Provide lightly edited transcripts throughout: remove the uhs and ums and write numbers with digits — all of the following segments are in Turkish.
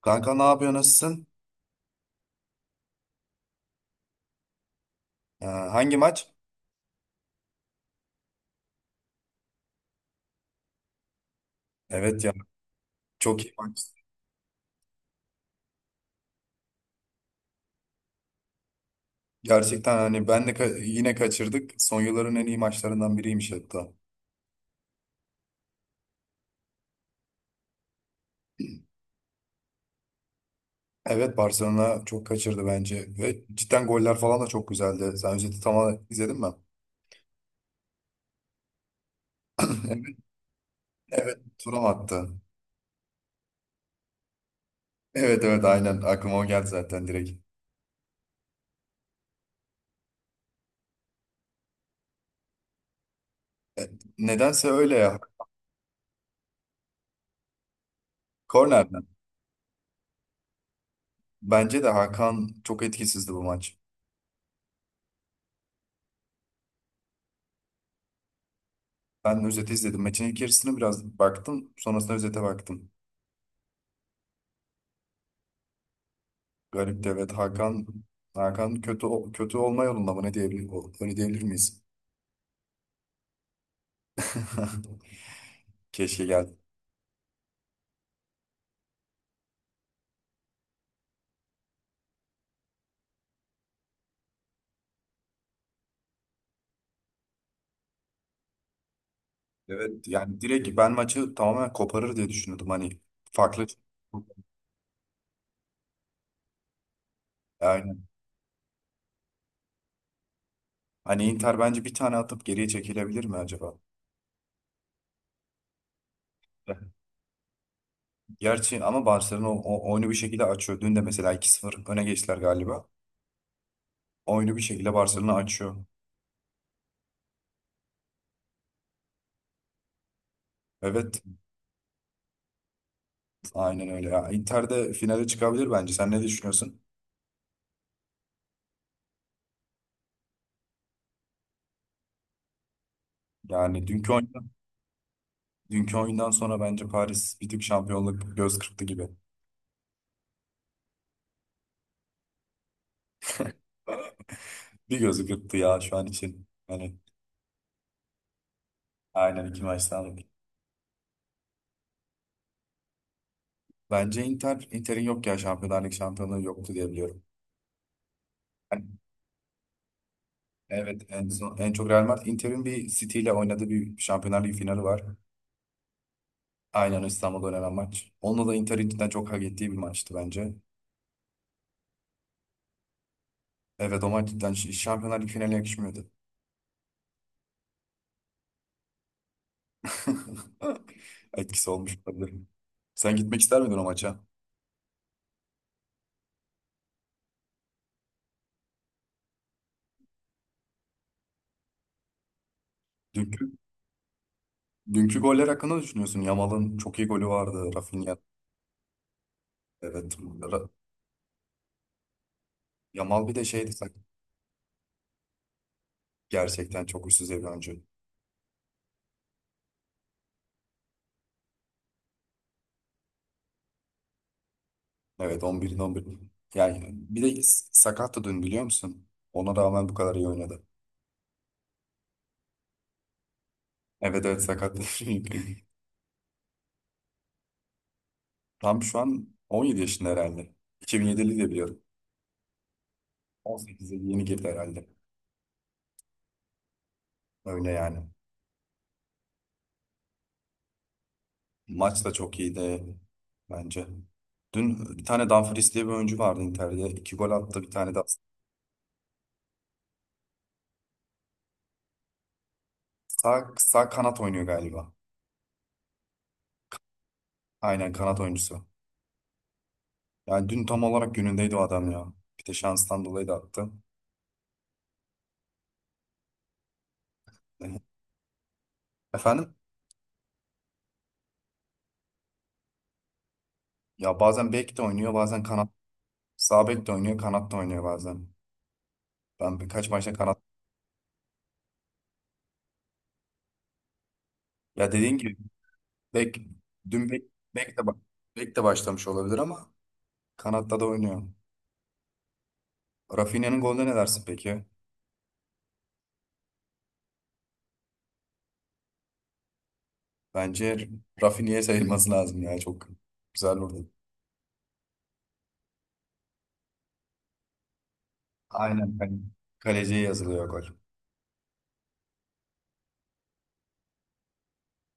Kanka ne yapıyor, nasılsın? Hangi maç? Evet ya, çok iyi maç. Gerçekten hani ben de yine kaçırdık. Son yılların en iyi maçlarından biriymiş hatta. Evet, Barcelona çok kaçırdı bence ve cidden goller falan da çok güzeldi. Sen özeti tamamen izledin mi? Evet, evet Thuram attı. Evet, evet aynen aklıma o geldi zaten direkt. Nedense öyle ya. Kornerden. Bence de Hakan çok etkisizdi bu maç. Ben özeti izledim. Maçın ilk yarısını biraz baktım. Sonrasında özete baktım. Garip de evet, Hakan kötü kötü olma yolunda mı ne diyebilir, öyle diyebilir miyiz? Keşke gel. Evet yani direkt ben maçı tamamen koparır diye düşünüyordum, hani farklı. Aynen. Hani Inter bence bir tane atıp geriye çekilebilir mi acaba? Gerçi ama Barcelona oyunu bir şekilde açıyor. Dün de mesela 2-0 öne geçtiler galiba. Oyunu bir şekilde Barcelona açıyor. Evet, aynen öyle ya. Inter de finale çıkabilir bence. Sen ne düşünüyorsun? Yani dünkü oyun Dünkü oyundan sonra bence Paris bir tık şampiyonluk göz kırptı gibi. Bir gözü kırptı ya şu an için. Hani, aynen, iki maçtan aldık. Bence Inter'in yok ya, Şampiyonlar Ligi şampiyonluğu yoktu diye biliyorum. Hani, evet, en son, en çok Real Madrid, Inter'in bir City ile oynadığı bir Şampiyonlar Ligi finali var. Aynen, İstanbul'da oynanan maç. Onunla da Inter'in cidden çok hak ettiği bir maçtı bence. Evet, o maç cidden Şampiyonlar Ligi finaline yakışmıyordu. Etkisi olmuş olabilir. Sen gitmek ister miydin o maça? Dünkü Dünkü goller hakkında ne düşünüyorsun? Yamal'ın çok iyi golü vardı. Rafinha. Evet. Ra- Yamal bir de şeydi, gerçekten çok üst düzey bir oyuncu. Evet, 11'in 11. Yani bir de sakattı dün, biliyor musun? Ona rağmen bu kadar iyi oynadı. Evet, evet sakattı. Tam şu an 17 yaşında herhalde. 2007'li de biliyorum. 18'e yeni girdi herhalde. Öyle yani. Maç da çok iyiydi bence. Dün bir tane Dumfries diye bir oyuncu vardı Inter'de. İki gol attı. Bir tane de. Sağ kanat oynuyor galiba. Aynen, kanat oyuncusu. Yani dün tam olarak günündeydi o adam ya. Bir de şanstan dolayı da attı. Efendim? Ya bazen bek de oynuyor, bazen kanat. Sağ bek de oynuyor, kanat da oynuyor bazen. Ben birkaç maçta kanat. Ya dediğin gibi bek. Dün bek de ba- bek de başlamış olabilir ama kanatta da oynuyor. Rafinha'nın golüne ne dersin peki? Bence Rafinha'ya sayılması lazım ya, çok güzel vurdu. Aynen. Kaleciye yazılıyor gol.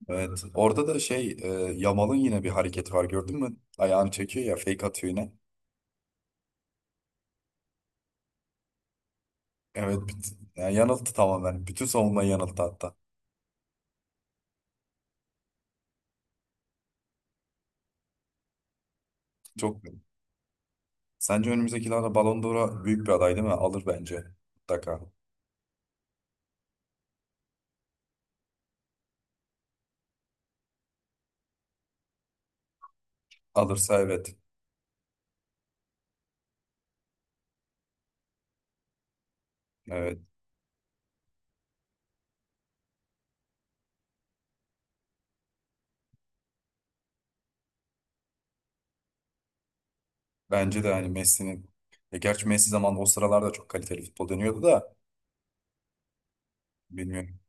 Evet. Orada da şey, Yamal'ın yine bir hareketi var, gördün mü? Ayağını çekiyor ya, fake atıyor yine. Evet. Yani yanılttı tamamen. Bütün savunmayı yanılttı hatta. Çok Sence önümüzdeki yıllarda Ballon d'Or'a büyük bir aday değil mi? Alır bence. Mutlaka. Alırsa evet. Evet. Bence de hani Messi'nin. Gerçi Messi zaman o sıralarda çok kaliteli futbol dönüyordu da bilmiyorum.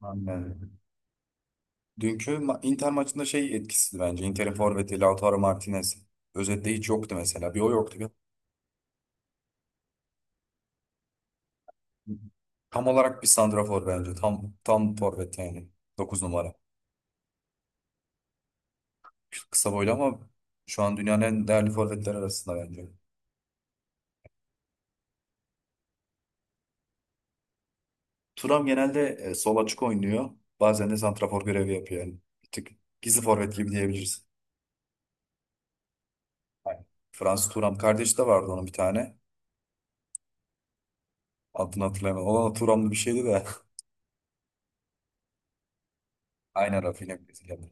Aynen. Dünkü Inter maçında şey etkisizdi bence. Inter'in forveti Lautaro Martinez. Özetle hiç yoktu mesela. Bir o yoktu. Tam olarak bir santrafor bence. Tam forvet yani. Dokuz numara. Kısa boylu ama şu an dünyanın en değerli forvetleri arasında bence. Turam genelde sol açık oynuyor. Bazen de santrafor görevi yapıyor yani. Bir tık gizli forvet gibi diyebiliriz. Aynen. Fransız Turam kardeşi de vardı onun, bir tane. Adını hatırlamıyorum. Olan Turamlı bir şeydi de. Aynen, Rafinha Brezilyalı.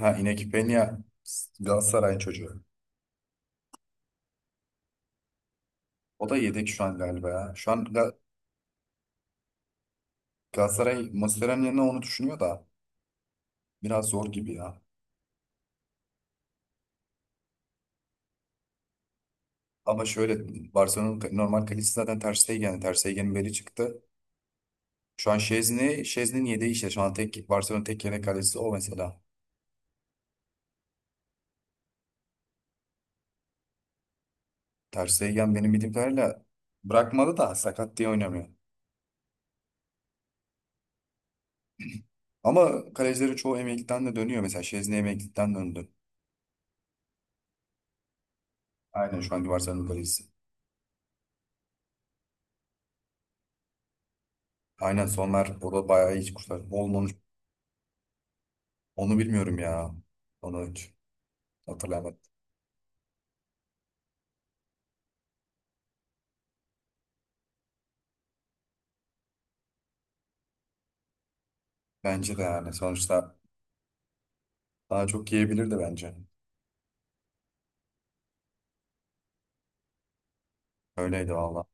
Ha, Iñaki Peña Galatasaray'ın çocuğu. O da yedek şu an galiba ya. Şu an Galatasaray Mascherano'nun yerine onu düşünüyor da biraz zor gibi ya. Ama şöyle, Barcelona'nın normal kalecisi zaten Ter Stegen. Yani Ter Stegen'in beli çıktı. Şu an Şezni'nin yedeği işte. Şu an tek, Barcelona'nın tek yedek kalecisi o mesela. Ter Stegen benim bildiğim kadarıyla bırakmadı da sakat diye oynamıyor. Ama kalecilerin çoğu emeklilikten de dönüyor. Mesela Şezni emeklilikten döndü. Aynen, şu anki Barcelona'nın kalecisi. Aynen sonlar, o da bayağı iyi kurtardı. Olmamış. Onu bilmiyorum ya. Onu hiç hatırlayamadım. Bence de yani sonuçta daha çok yiyebilirdi bence. Öyleydi vallahi.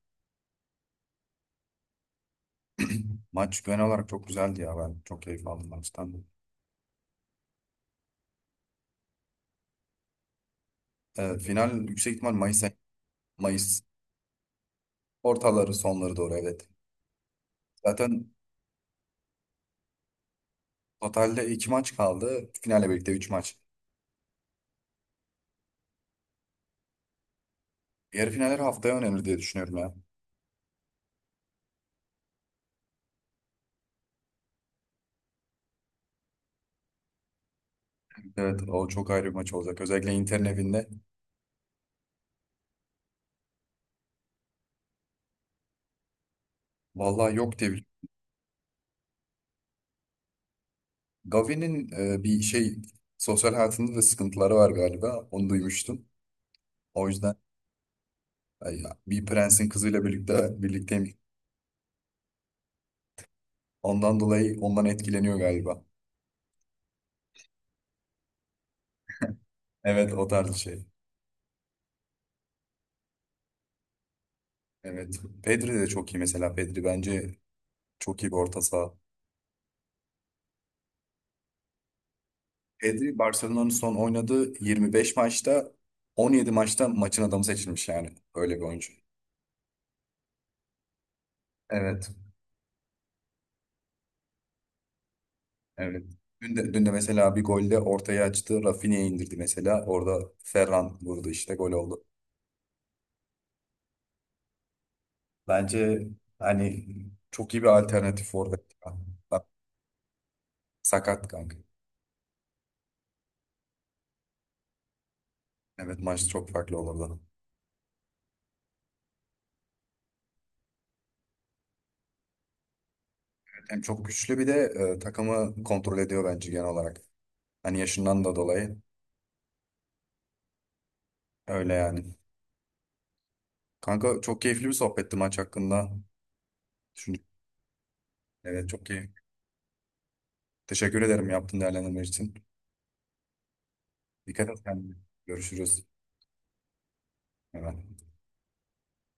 Maç genel olarak çok güzeldi ya. Ben çok keyif aldım maçtan. Final yüksek ihtimal Mayıs, ortaları sonları doğru evet. Zaten totalde iki maç kaldı. Finale birlikte üç maç. Yarı finaller haftaya önemli diye düşünüyorum ya. Evet, o çok ayrı bir maç olacak. Özellikle Inter'in evinde. Vallahi yok diye. Gavi'nin bir şey, sosyal hayatında da sıkıntıları var galiba. Onu duymuştum. O yüzden, ay ya, bir prensin kızıyla birlikte birlikteyim. Ondan dolayı ondan etkileniyor galiba. Evet, o tarz bir şey. Evet. Pedri de çok iyi mesela. Pedri bence çok iyi bir orta saha. Pedri Barcelona'nın son oynadığı 25 maçta 17 maçta maçın adamı seçilmiş yani. Öyle bir oyuncu. Evet. Evet. Dün de mesela bir golde ortaya açtı. Rafinha indirdi mesela. Orada Ferran vurdu, işte gol oldu. Bence hani çok iyi bir alternatif orada. Bak, sakat kanka. Evet, maç çok farklı olurdu. Hem çok güçlü, bir de takımı kontrol ediyor bence genel olarak. Hani yaşından da dolayı. Öyle yani. Kanka çok keyifli bir sohbetti maç hakkında. Düşündük. Evet çok keyifli. Teşekkür ederim yaptığın değerlendirme için. Dikkat et kendine. Görüşürüz. Hemen.